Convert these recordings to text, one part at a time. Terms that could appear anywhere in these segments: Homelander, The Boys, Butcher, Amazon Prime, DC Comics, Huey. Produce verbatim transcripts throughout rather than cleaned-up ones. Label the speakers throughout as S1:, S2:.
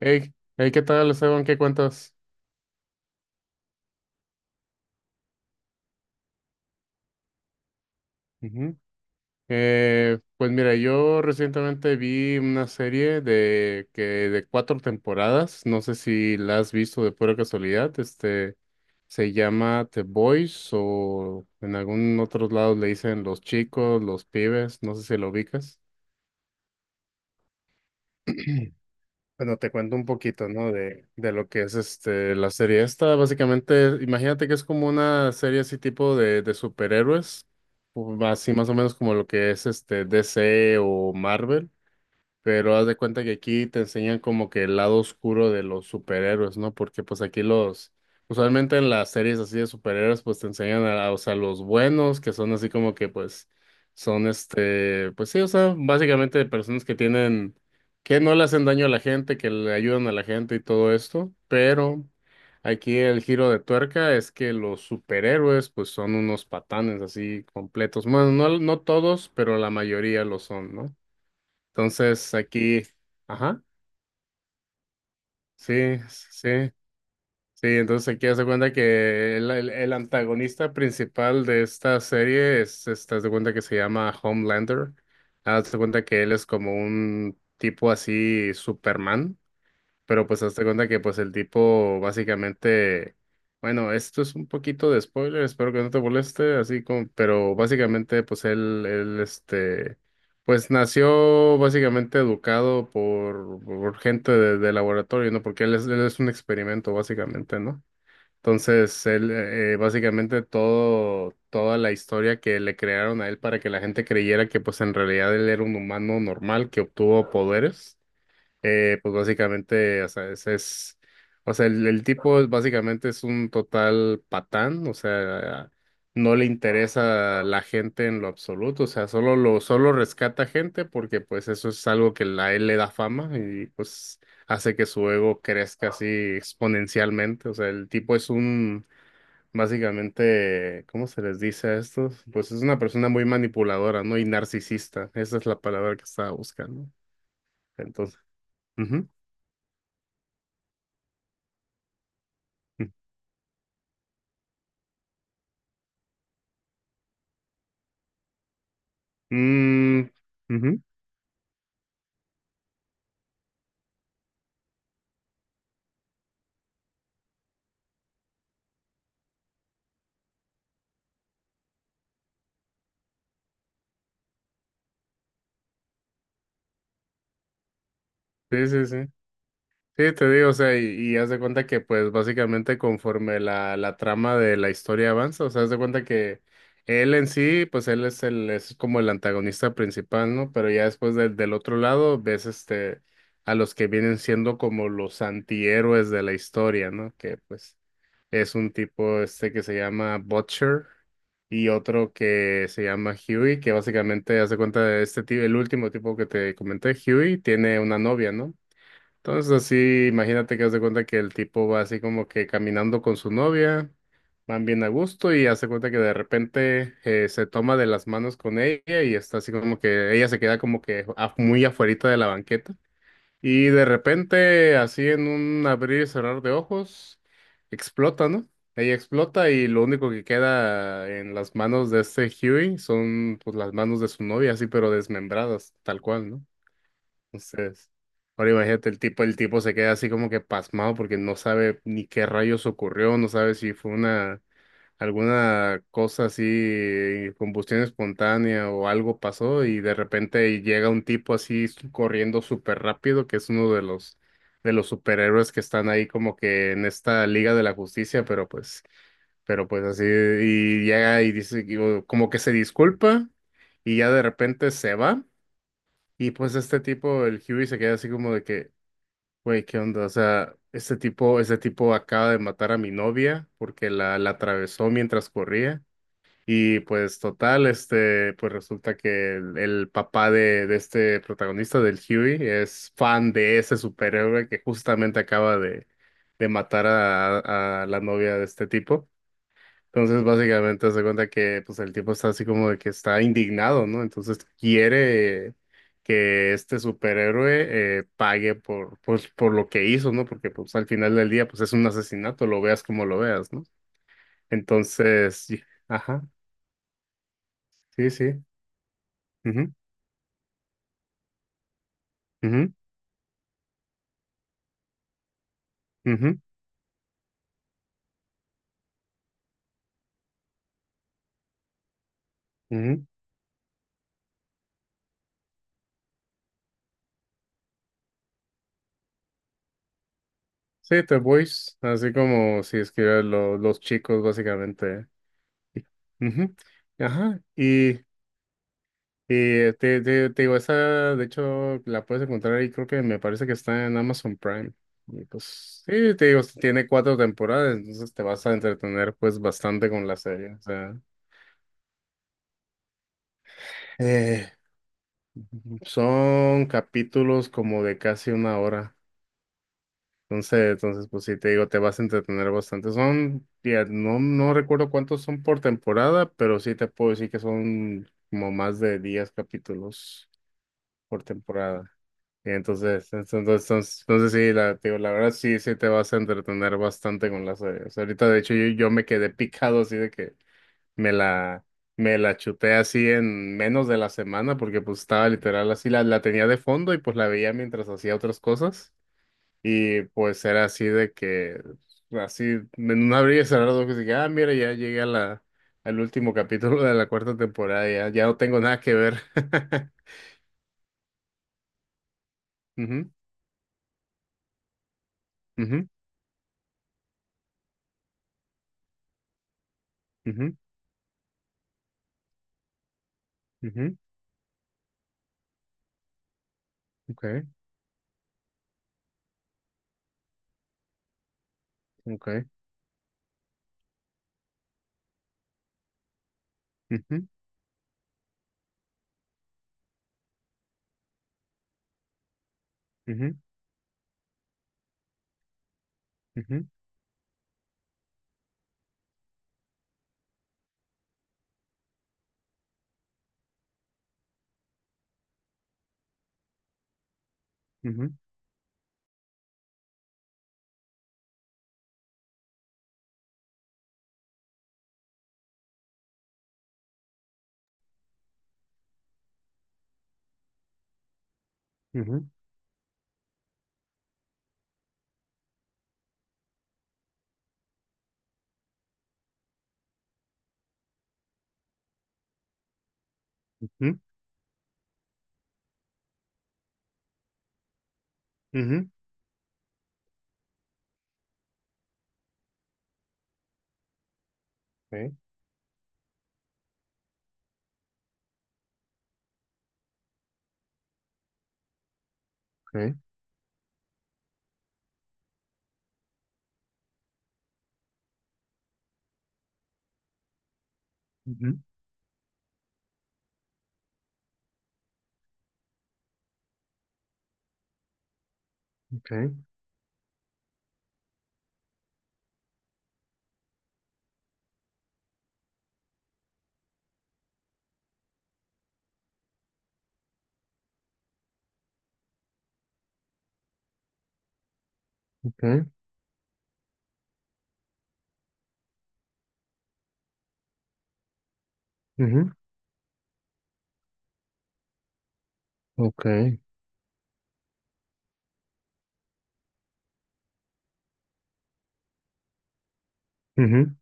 S1: Hey, hey, ¿qué tal, Esteban? ¿Qué cuentas? Ujú. Eh, pues mira, yo recientemente vi una serie de que de cuatro temporadas. No sé si la has visto de pura casualidad. Este se llama The Boys, o en algún otros lados le dicen los chicos, los pibes. No sé si lo ubicas. Bueno, te cuento un poquito, ¿no? De, de lo que es este la serie esta. Básicamente, imagínate que es como una serie así tipo de, de superhéroes, o así más o menos como lo que es este D C o Marvel. Pero haz de cuenta que aquí te enseñan como que el lado oscuro de los superhéroes, ¿no? Porque pues aquí los, usualmente en las series así de superhéroes, pues te enseñan a, o sea, los buenos, que son así como que pues son este, pues sí, o sea, básicamente personas que tienen, que no le hacen daño a la gente, que le ayudan a la gente y todo esto, pero aquí el giro de tuerca es que los superhéroes pues son unos patanes así completos. Bueno, no, no todos, pero la mayoría lo son, ¿no? Entonces aquí, ajá, sí, sí, sí. Entonces aquí hace cuenta que el, el- el antagonista principal de esta serie es, este, haz de cuenta que se llama Homelander. Haz de cuenta que él es como un tipo así Superman. Pero pues hazte cuenta que pues el tipo básicamente, bueno, esto es un poquito de spoiler, espero que no te moleste, así como, pero básicamente pues él, él este, pues nació básicamente educado por, por gente de, de laboratorio, ¿no? Porque él es, él es un experimento básicamente, ¿no? Entonces, él, eh, eh, básicamente todo, toda la historia que le crearon a él para que la gente creyera que pues en realidad él era un humano normal que obtuvo poderes, eh, pues básicamente, o sea, ese es, o sea, el, el tipo es- básicamente es un total patán, o sea, no le interesa la gente en lo absoluto, o sea, solo lo, solo rescata gente porque pues eso es algo que la- a él le da fama y pues hace que su ego crezca así exponencialmente, o sea, el tipo es un, básicamente, ¿cómo se les dice a estos? Pues es una persona muy manipuladora, ¿no? Y narcisista, esa es la palabra que estaba buscando, entonces, ujú, mm, ujú, sí, sí, sí. Sí, te digo, o sea, y, y haz de cuenta que pues básicamente conforme la, la trama de la historia avanza, o sea, haz de cuenta que él en sí, pues él es el, es como el antagonista principal, ¿no? Pero ya después del del otro lado ves este a los que vienen siendo como los antihéroes de la historia, ¿no? Que pues es un tipo este que se llama Butcher y otro que se llama Huey, que básicamente haz de cuenta de este tipo, el último tipo que te comenté, Huey, tiene una novia, ¿no? Entonces así, imagínate que haz de cuenta que el tipo va así como que caminando con su novia, van bien a gusto y hace cuenta que de repente eh, se toma de las manos con ella y está así como que ella se queda como que af- muy afuerita de la banqueta y de repente así en un abrir y cerrar de ojos explota, ¿no? Ella explota y lo único que queda en las manos de este Huey son pues las manos de su novia así pero desmembradas, tal cual, ¿no? Entonces, ahora imagínate, el tipo, el tipo se queda así como que pasmado porque no sabe ni qué rayos ocurrió, no sabe si fue una, alguna cosa así, combustión espontánea o algo pasó y de repente llega un tipo así s- corriendo súper rápido, que es uno de los, de los superhéroes que están ahí como que en esta Liga de la Justicia, pero pues pero pues así, y llega y dice, digo, como que se disculpa y ya de repente se va y pues este tipo, el Huey se queda así como de que, güey, ¿qué onda? O sea, este tipo, este tipo acaba de matar a mi novia porque la, la atravesó mientras corría. Y pues total, este, pues resulta que el, el papá de, de este protagonista, del Huey, es fan de ese superhéroe que justamente acaba de, de matar a, a la novia de este tipo. Entonces, básicamente, se cuenta que pues, el tipo está así como de que está indignado, ¿no? Entonces, quiere que este superhéroe eh, pague por, pues, por lo que hizo, ¿no? Porque pues, al final del día pues, es un asesinato, lo veas como lo veas, ¿no? Entonces, y- ajá, sí, sí. Ujú, ujú, ujú, ujú. Sí, The Boys, así como si escribieran lo- los chicos, básicamente. Ujú, ajá, y Y te, te, te digo, esa de hecho la puedes encontrar ahí, creo que me parece que está en Amazon Prime. Y pues sí, te digo, tiene cuatro temporadas, entonces te vas a entretener pues bastante con la serie. O sea, eh, son capítulos como de casi una hora. Entonces, entonces pues sí, te digo, te vas a entretener bastante. Son, ya, no, no recuerdo cuántos son por temporada, pero sí te puedo decir que son como más de diez capítulos por temporada. Y entonces, entonces, entonces, entonces sí, la, te digo, la verdad sí, sí te vas a entretener bastante con la serie. O sea, ahorita de hecho yo, yo me quedé picado así de que me la, me la chuté así en menos de la semana porque pues estaba literal así, la, la tenía de fondo y pues la veía mientras hacía otras cosas. Y pues era así de que, así, en un abrir y cerrar los ojos, dije, ah, mira, ya llegué a la, al último capítulo de la cuarta temporada, ya, ya no tengo nada que ver. Ujú, ujú, ujú. Ujú, ok, ok, ujú, ujú, ujú, ujú, ujú, ujú, ujú, ok, ok, ujú, ok, ok, ujú, ok, ujú,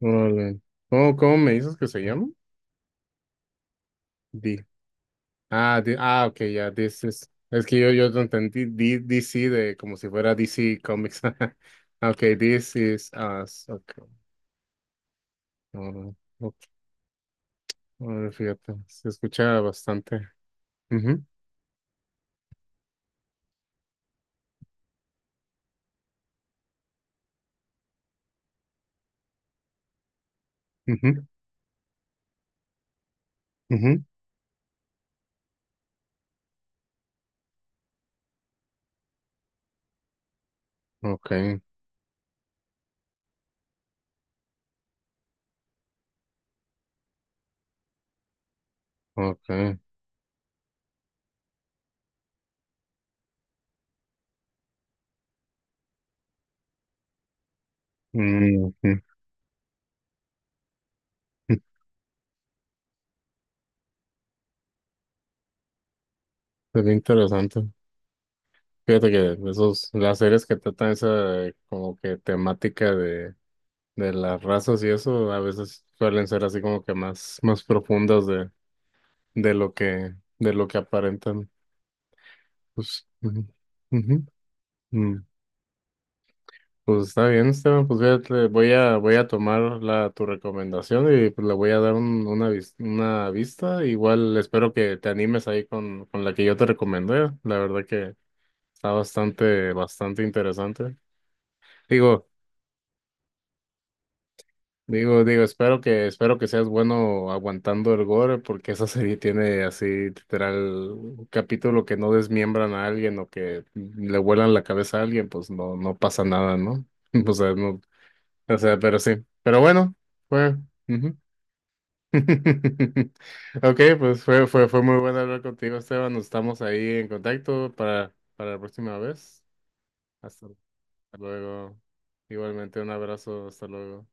S1: órale. ¿Cómo, cómo me dices que se llama? Di. Ah, di- ah, ok, ya, this is- Es que yo, yo no entendí di- D C, de como si fuera D C Comics. Ok, this is us. Ok, órale, ok, órale, fíjate, se escucha bastante. Ujú, ujú, ujú, ok, ok. Mm, ujú, sería interesante. Fíjate que esos, las series que tratan esa eh, como que temática de, de las razas y eso, a veces suelen ser así como que más, más profundas de, de lo que, de lo que aparentan. Pues, ujú, ujú. Mm, pues está bien, Esteban. Pues fíjate, voy a, voy a tomar la, tu recomendación y pues le voy a dar un- una, vis- una vista. Igual espero que te animes ahí con, con la que yo te recomendé. La verdad que está bastante, bastante interesante. Digo, digo, Digo, espero que, espero que seas bueno aguantando el gore, porque esa serie tiene así, literal, un capítulo que no desmiembran a alguien o que le vuelan la cabeza a alguien, pues no, no pasa nada, ¿no? O sea, no, o sea, pero sí. Pero bueno, fue. Ujú. Ok, pues fue, fue, fue muy bueno hablar contigo, Esteban. Nos estamos ahí en contacto para, para la próxima vez. Hasta luego. Igualmente, un abrazo, hasta luego.